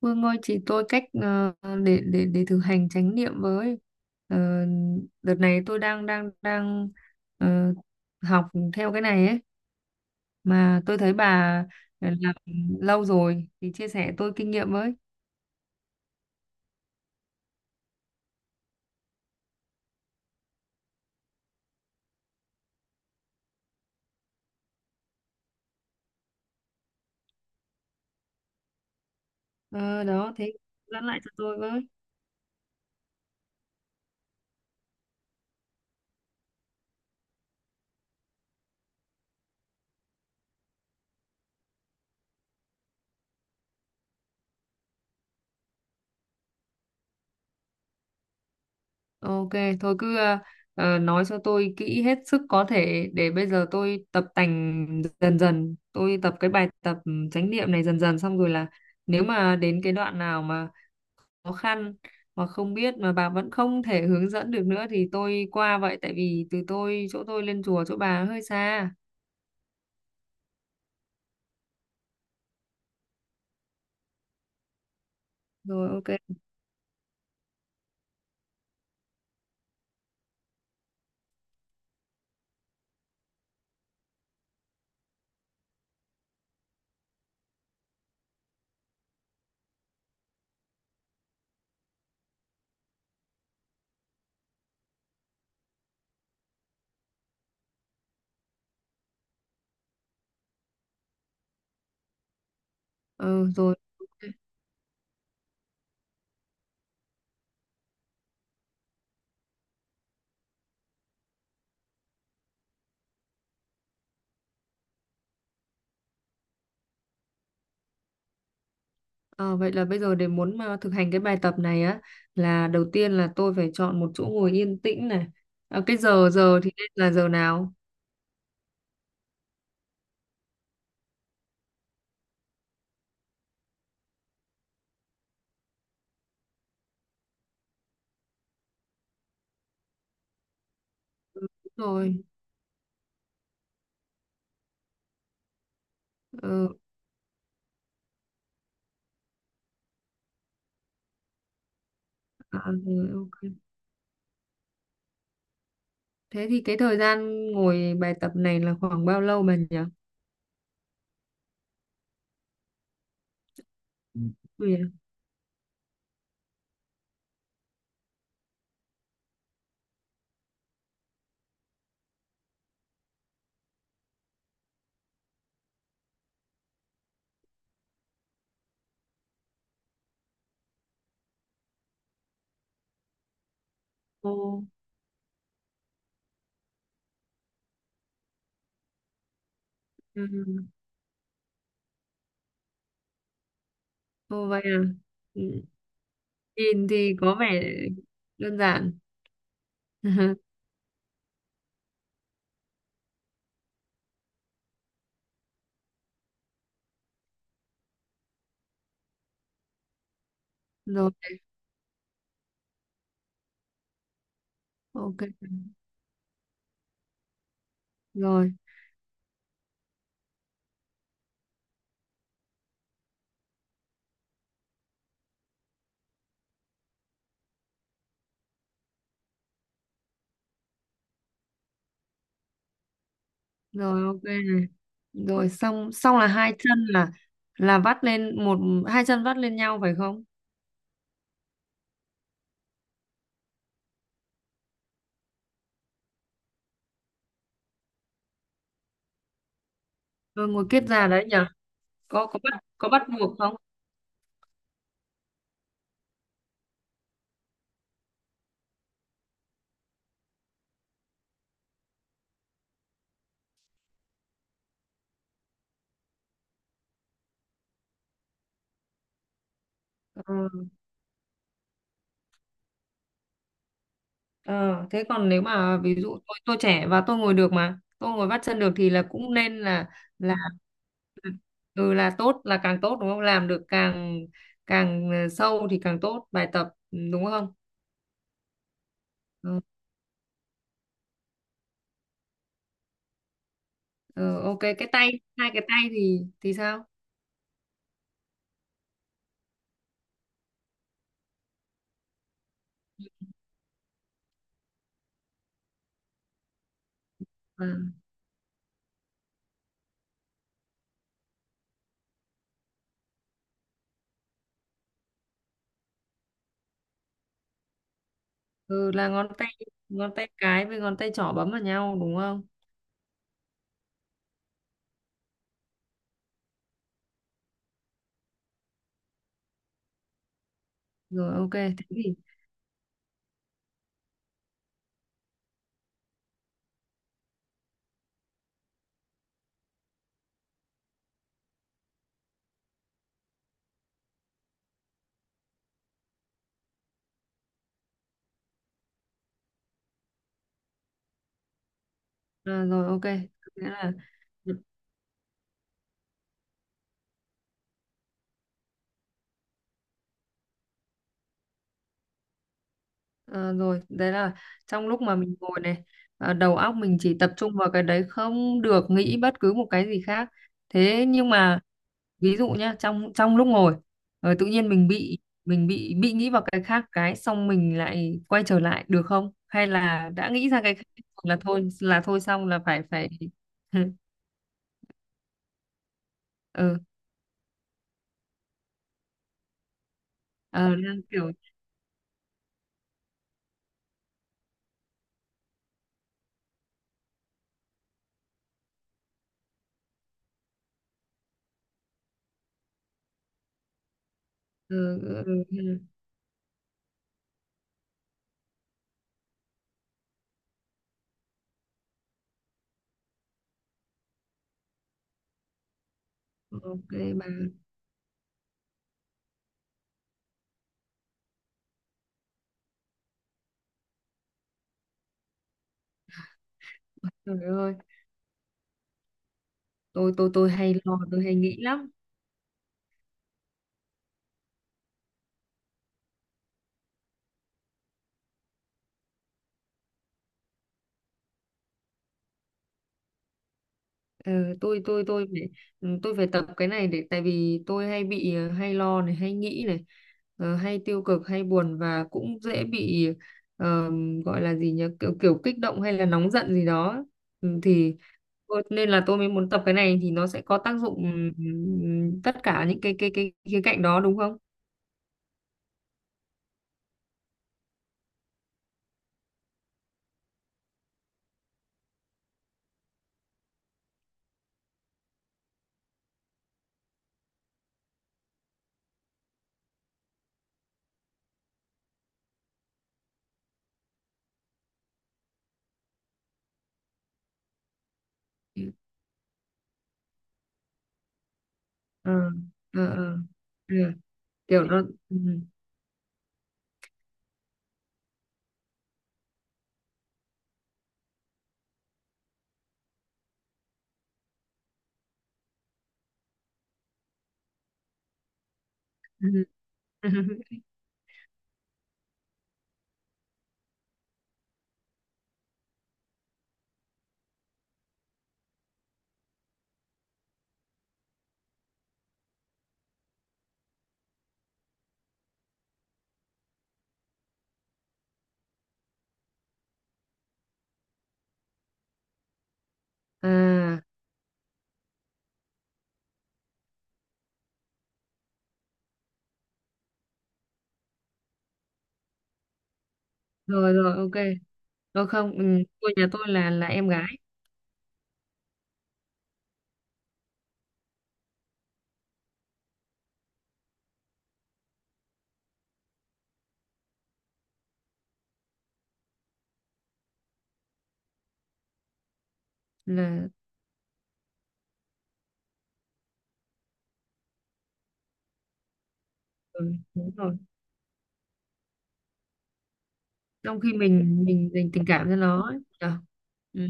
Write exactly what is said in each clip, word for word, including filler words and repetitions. Vương ơi, chỉ tôi cách ờ, để để để thực hành chánh niệm với. Ờ, Đợt này tôi đang đang đang ờ, học theo cái này ấy, mà tôi thấy bà làm lâu rồi thì chia sẻ tôi kinh nghiệm với. Ờ, Đó thế, dẫn lại cho tôi với. Ok, thôi cứ ờ, ờ, nói cho tôi kỹ hết sức có thể, để bây giờ tôi tập tành dần dần, tôi tập cái bài tập chánh niệm này dần dần, xong rồi là nếu mà đến cái đoạn nào mà khó khăn hoặc không biết mà bà vẫn không thể hướng dẫn được nữa thì tôi qua vậy, tại vì từ tôi chỗ tôi lên chùa chỗ bà hơi xa. Rồi, ok. Ừ, rồi, ok. Ờ, vậy là bây giờ để muốn mà thực hành cái bài tập này á, là đầu tiên là tôi phải chọn một chỗ ngồi yên tĩnh này. Ờ, cái giờ giờ thì nên là giờ nào? Đúng rồi. Ừ. À, rồi, ok. Thế thì cái thời gian ngồi bài tập này là khoảng bao lâu bà nhỉ? Ui. Ồ. Ừ. Ồ vậy à. Ừ. Nhìn thì có vẻ đơn giản. Rồi, ok. Rồi, rồi, ok này. Rồi, xong xong là hai chân là là vắt lên một, hai chân vắt lên nhau phải không? Rồi ngồi kiết già đấy nhở? Có có bắt, có bắt buộc không? Ờ, ờ, thế còn nếu mà ví dụ tôi tôi trẻ và tôi ngồi được, mà tôi ngồi vắt chân được thì là cũng nên là là ừ là tốt, là càng tốt đúng không? Làm được càng, càng ờ, sâu thì càng tốt bài tập, ừ, đúng không? Ờ. Ừ, ok. Cái tay, hai cái tay thì thì sao À, ừ, là ngón tay, ngón tay cái với ngón tay trỏ bấm vào nhau đúng không? Rồi ok thế thì. À, rồi, ok, nghĩa là. Ờ, rồi đấy là trong lúc mà mình ngồi này, ờ, đầu óc mình chỉ tập trung vào cái đấy, không được nghĩ bất cứ một cái gì khác. Thế nhưng mà ví dụ nhá, trong trong lúc ngồi ờ, tự nhiên mình bị, mình bị bị nghĩ vào cái khác, cái xong mình lại quay trở lại được không, hay là đã nghĩ ra cái khác là thôi, là thôi xong là phải phải. Ừ. Ờ đang kiểu. Ừ, ừ, ừ. Ừ. Ok bà. Trời ơi, tôi tôi tôi hay lo, tôi hay nghĩ lắm. Ừ, tôi tôi tôi phải, ừ, tôi phải tập cái này, để tại vì tôi hay bị ờ, hay lo này, hay nghĩ này, ờ, hay tiêu cực, hay buồn, và cũng dễ bị ờ, gọi là gì nhỉ, kiểu kiểu kích động hay là nóng giận gì đó. Ừ, thì tôi- nên là tôi mới muốn tập cái này thì nó sẽ có tác dụng. Ừ, tất cả những cái cái cái khía cạnh đó đúng không? Ờ, ờ, ờ, ờ. Ừ, kiểu nó. Ừ. Ừ. À, rồi rồi, ok. Tôi không, ừ, tôi nhà tôi là là em gái là. Ừ, đúng rồi. Trong khi mình mình dành tình cảm cho nó ấy. Nhở? Ừ.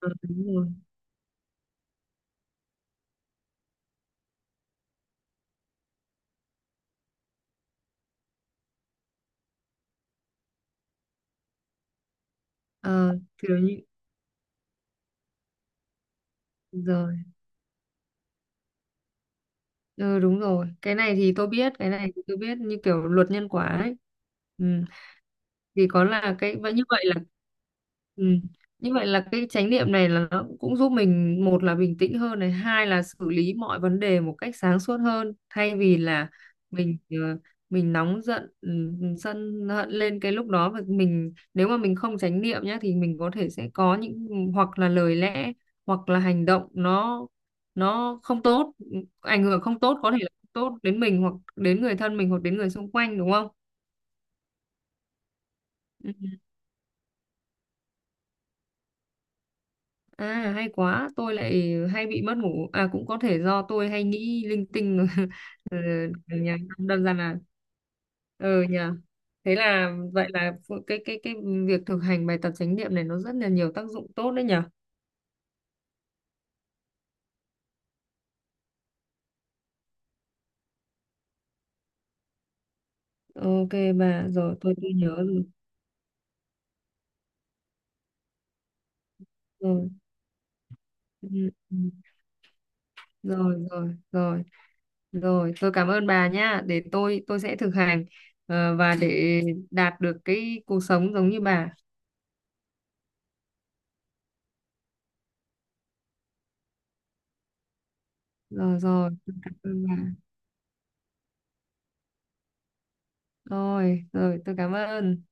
Ừ, đúng rồi. Ờ, kiểu như giờ. Ừ, đúng rồi. Cái này thì tôi biết, cái này thì tôi biết, như kiểu luật nhân quả ấy. Ừ. Thì có là cái vậy, như vậy là. Ừ. Như vậy là cái chánh niệm này là nó cũng giúp mình, một là bình tĩnh hơn này, hai là xử lý mọi vấn đề một cách sáng suốt hơn, thay vì là mình ờ, mình nóng giận, ừ, sân hận lên cái lúc đó, và mình nếu mà mình không chánh niệm nhá thì mình có thể sẽ có những, hoặc là lời lẽ, hoặc là hành động nó nó không tốt, ảnh hưởng không tốt, có thể là không tốt đến mình hoặc đến người thân mình hoặc đến người xung quanh, đúng không? Ừ. À hay quá, tôi lại hay bị mất ngủ. À cũng có thể do tôi hay nghĩ linh tinh. Ừ, nhà đơn giản là, ừ nhờ. Thế là vậy là phụ- cái cái cái việc thực hành bài tập chánh niệm này nó rất là nhiều tác dụng tốt đấy nhở. Ok bà, rồi tôi tôi nhớ rồi. Rồi. Ừ, ừ. Rồi rồi rồi. Rồi, tôi cảm ơn bà nhá. Để tôi tôi sẽ thực hành ờ, và để đạt được cái cuộc sống giống như bà. Rồi rồi, tôi cảm ơn bà. Rồi, rồi tôi cảm ơn.